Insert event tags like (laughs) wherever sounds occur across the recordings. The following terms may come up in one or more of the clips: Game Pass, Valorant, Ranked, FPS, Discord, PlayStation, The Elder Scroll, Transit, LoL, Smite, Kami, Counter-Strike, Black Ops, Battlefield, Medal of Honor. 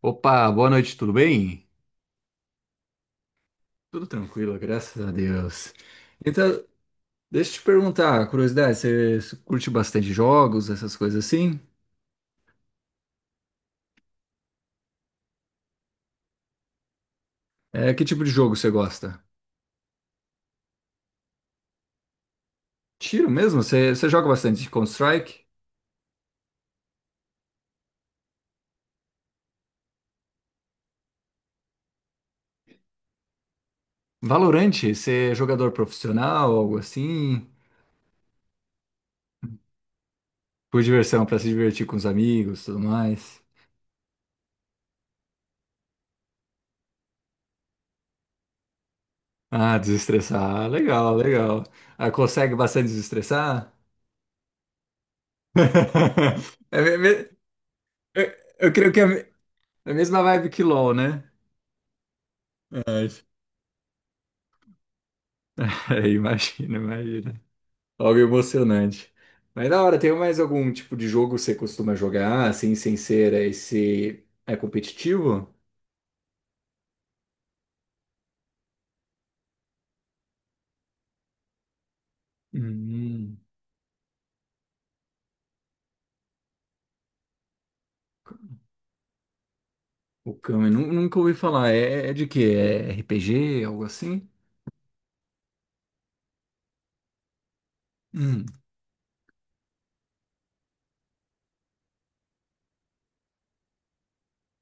Opa, boa noite, tudo bem? Tudo tranquilo, graças a Deus. Então, deixa eu te perguntar, curiosidade, você curte bastante jogos, essas coisas assim? É, que tipo de jogo você gosta? Tiro mesmo? Você joga bastante Counter-Strike? Valorante, você é jogador profissional, algo assim? Por diversão, pra se divertir com os amigos, tudo mais? Ah, desestressar, ah, legal, legal. Ah, consegue bastante desestressar? (laughs) É, me- me- eu, eu creio que é a mesma vibe que LoL, né? Ai, (laughs) imagina, imagina. Algo emocionante. Mas da hora, tem mais algum tipo de jogo que você costuma jogar, assim, sem ser esse... É competitivo? Hum, o Kami, nunca ouvi falar. É, é de quê? É RPG, algo assim? Hum.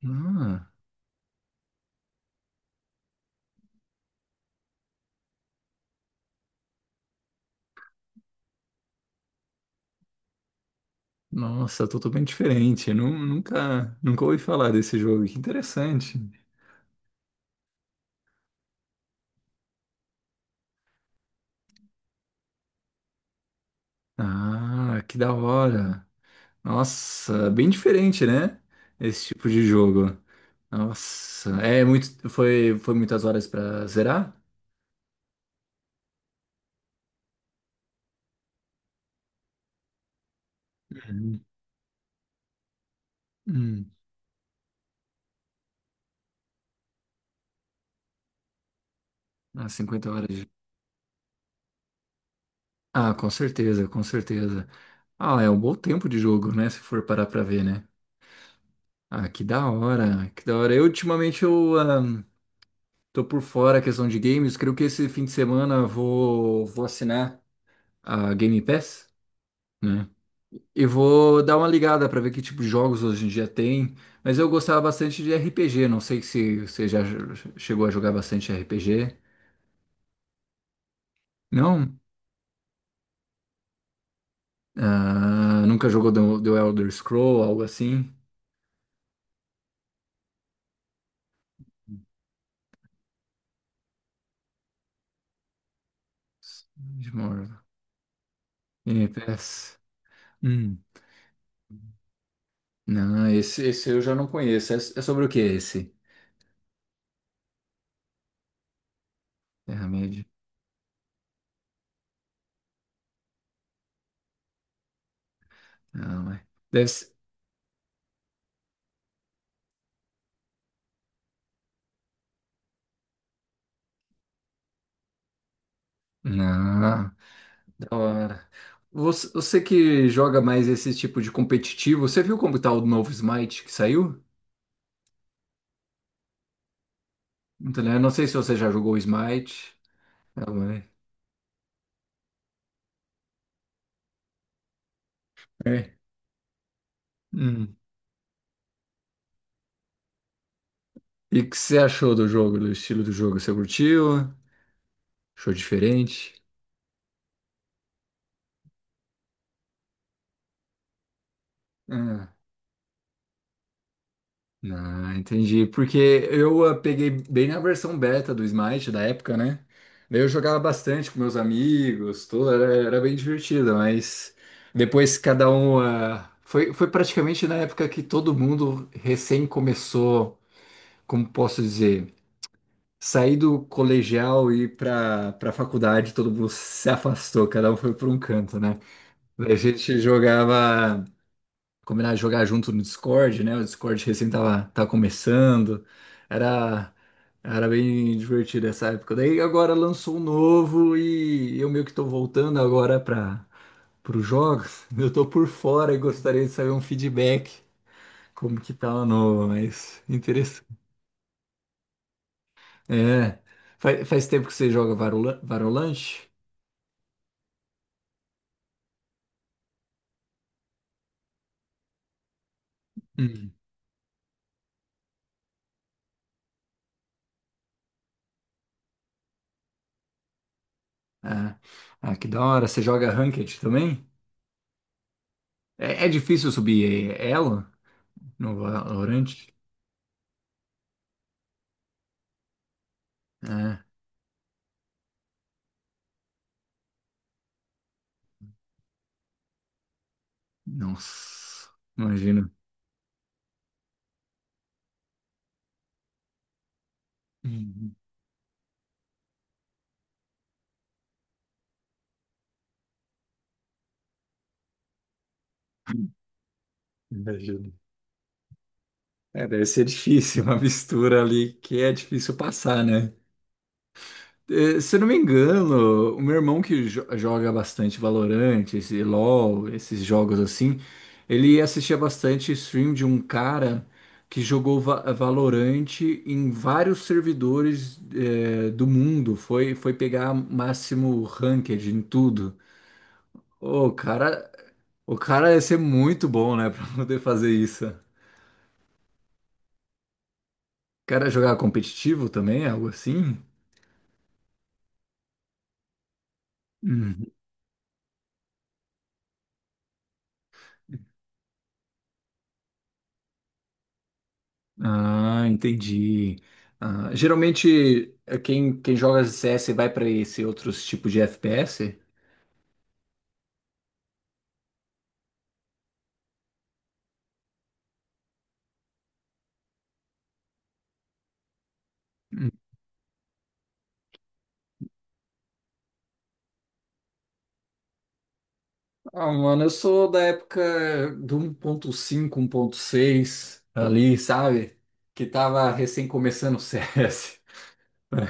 Ah, nossa, totalmente diferente. Nunca, nunca ouvi falar desse jogo. Que interessante. Ah, que da hora. Nossa, bem diferente, né? Esse tipo de jogo. Nossa, é muito, foi, foi muitas horas pra zerar? Uhum. Hum, umas 50 horas. Ah, com certeza, com certeza. Ah, é um bom tempo de jogo, né? Se for parar pra ver, né? Ah, que da hora, que da hora. Eu, ultimamente, eu tô por fora a questão de games. Creio que esse fim de semana eu vou assinar a Game Pass, né? E vou dar uma ligada para ver que tipo de jogos hoje em dia tem. Mas eu gostava bastante de RPG. Não sei se você já chegou a jogar bastante RPG. Não? Ah, nunca jogou The Elder Scroll, algo assim? Small NPS. Hum. Não, esse eu já não conheço. É, é sobre o que esse? Terra-média? Não, é. Deve ser. Não, da hora. Você que joga mais esse tipo de competitivo, você viu como tá o novo Smite que saiu? Muito legal. Eu não sei se você já jogou Smite. É, mas... É. Hum. E o que você achou do jogo, do estilo do jogo? Você curtiu? Achou diferente? Ah, não, entendi. Porque eu peguei bem na versão beta do Smite da época, né? Daí eu jogava bastante com meus amigos, tudo, era bem divertido, mas depois cada um. Foi praticamente na época que todo mundo recém começou, como posso dizer? Saí do colegial e ir para faculdade, todo mundo se afastou, cada um foi para um canto, né? A gente jogava, combinava de jogar junto no Discord, né? O Discord recém tava começando, era, era bem divertido essa época. Daí agora lançou um novo e eu meio que tô voltando agora para os jogos. (laughs) Eu tô por fora e gostaria de saber um feedback, como que tá o novo, mas interessante. É, faz tempo que você joga Varolante? Hum. Ah, ah, que da hora. Você joga Ranked também? É difícil subir elo no Valorant? É. Nossa, imagina. Hum, Imagino. É, deve ser difícil, (laughs) uma mistura ali que é difícil passar, né? Eh, se eu não me engano, o meu irmão que joga bastante Valorant, esse LoL, esses jogos assim, ele assistia bastante stream de um cara que jogou Valorant em vários servidores, eh, do mundo. Foi pegar máximo ranked em tudo. O cara, o cara ia ser muito bom, né, (laughs) pra poder fazer isso. O cara jogava competitivo também, algo assim? Ah, entendi. Ah, geralmente quem joga CS vai para esse outros tipos de FPS? Hum. Ah, mano, eu sou da época do 1.5, 1.6 ali, sabe? Que tava recém começando o CS. (laughs)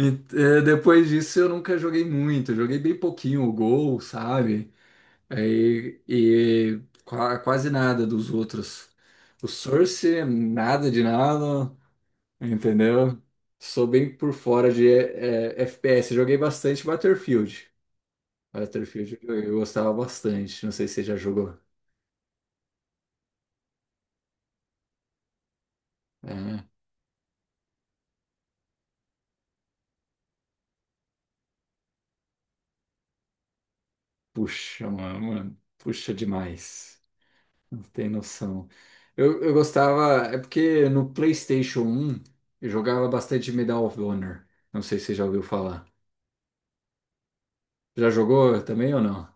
E, eh, depois disso eu nunca joguei muito, eu joguei bem pouquinho o Gol, sabe? Aí, e, quase nada dos outros. O Source, nada de nada. Entendeu? Sou bem por fora de FPS. Joguei bastante Battlefield. Battlefield eu gostava bastante. Não sei se você já jogou. É, puxa, mano, puxa demais. Não tem noção. Eu gostava. É porque no PlayStation 1 eu jogava bastante Medal of Honor. Não sei se você já ouviu falar. Já jogou também ou não?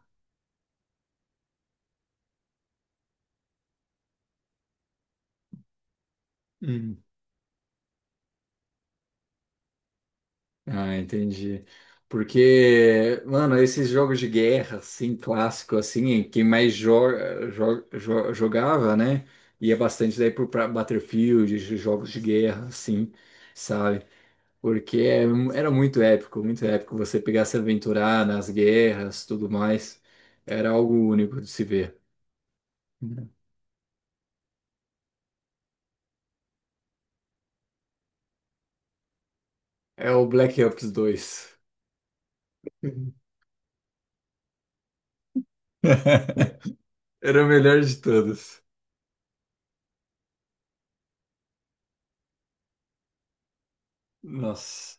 Ah, entendi. Porque, mano, esses jogos de guerra, assim, clássico, assim, quem mais joga, jogava, né? Ia bastante daí pro pra Battlefield, jogos de guerra, assim, sabe? Porque é- Era muito épico você pegar se aventurar nas guerras, tudo mais. Era algo único de se ver. É o Black Ops 2. (laughs) Era o melhor de todos. Nossa.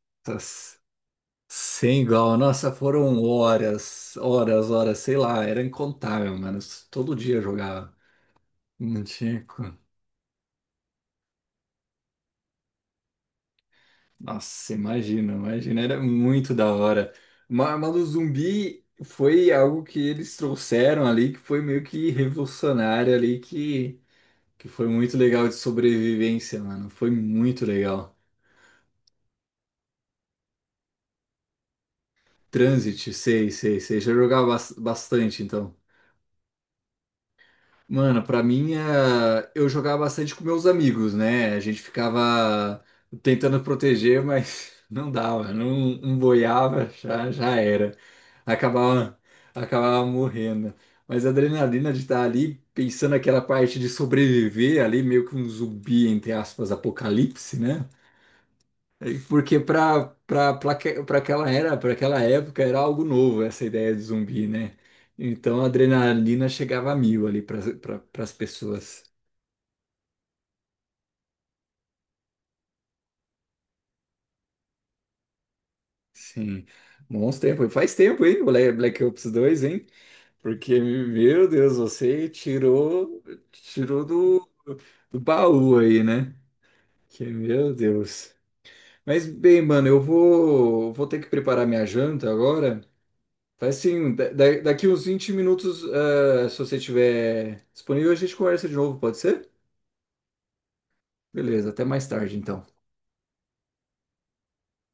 Sem igual, nossa, foram horas, horas, horas, sei lá, era incontável, mano. Todo dia eu jogava. Não tinha. Co- Nossa, imagina, imagina, era muito da hora. Mas o zumbi foi algo que eles trouxeram ali, que foi meio que revolucionário ali, que foi muito legal de sobrevivência, mano. Foi muito legal. Transit, sei, sei, sei. Já jogava bastante, então. Mano, pra mim, eh, eu jogava bastante com meus amigos, né? A gente ficava tentando proteger, mas (laughs) não dava, não, não boiava, já era. Acabava, acabava morrendo. Mas a adrenalina de estar ali, pensando naquela parte de sobreviver, ali meio que um zumbi, entre aspas, apocalipse, né? É, porque para aquela era, para aquela época era algo novo essa ideia de zumbi, né? Então a adrenalina chegava a mil ali para as pessoas. Sim. Bons tempos. Faz tempo, hein? Black Ops 2, hein? Porque, meu Deus, você tirou do, do baú aí, né? Que, meu Deus. Mas bem, mano, eu vou ter que preparar minha janta agora. Faz sim. Daqui uns 20 minutos, eh, se você estiver disponível, a gente conversa de novo, pode ser? Beleza, até mais tarde então.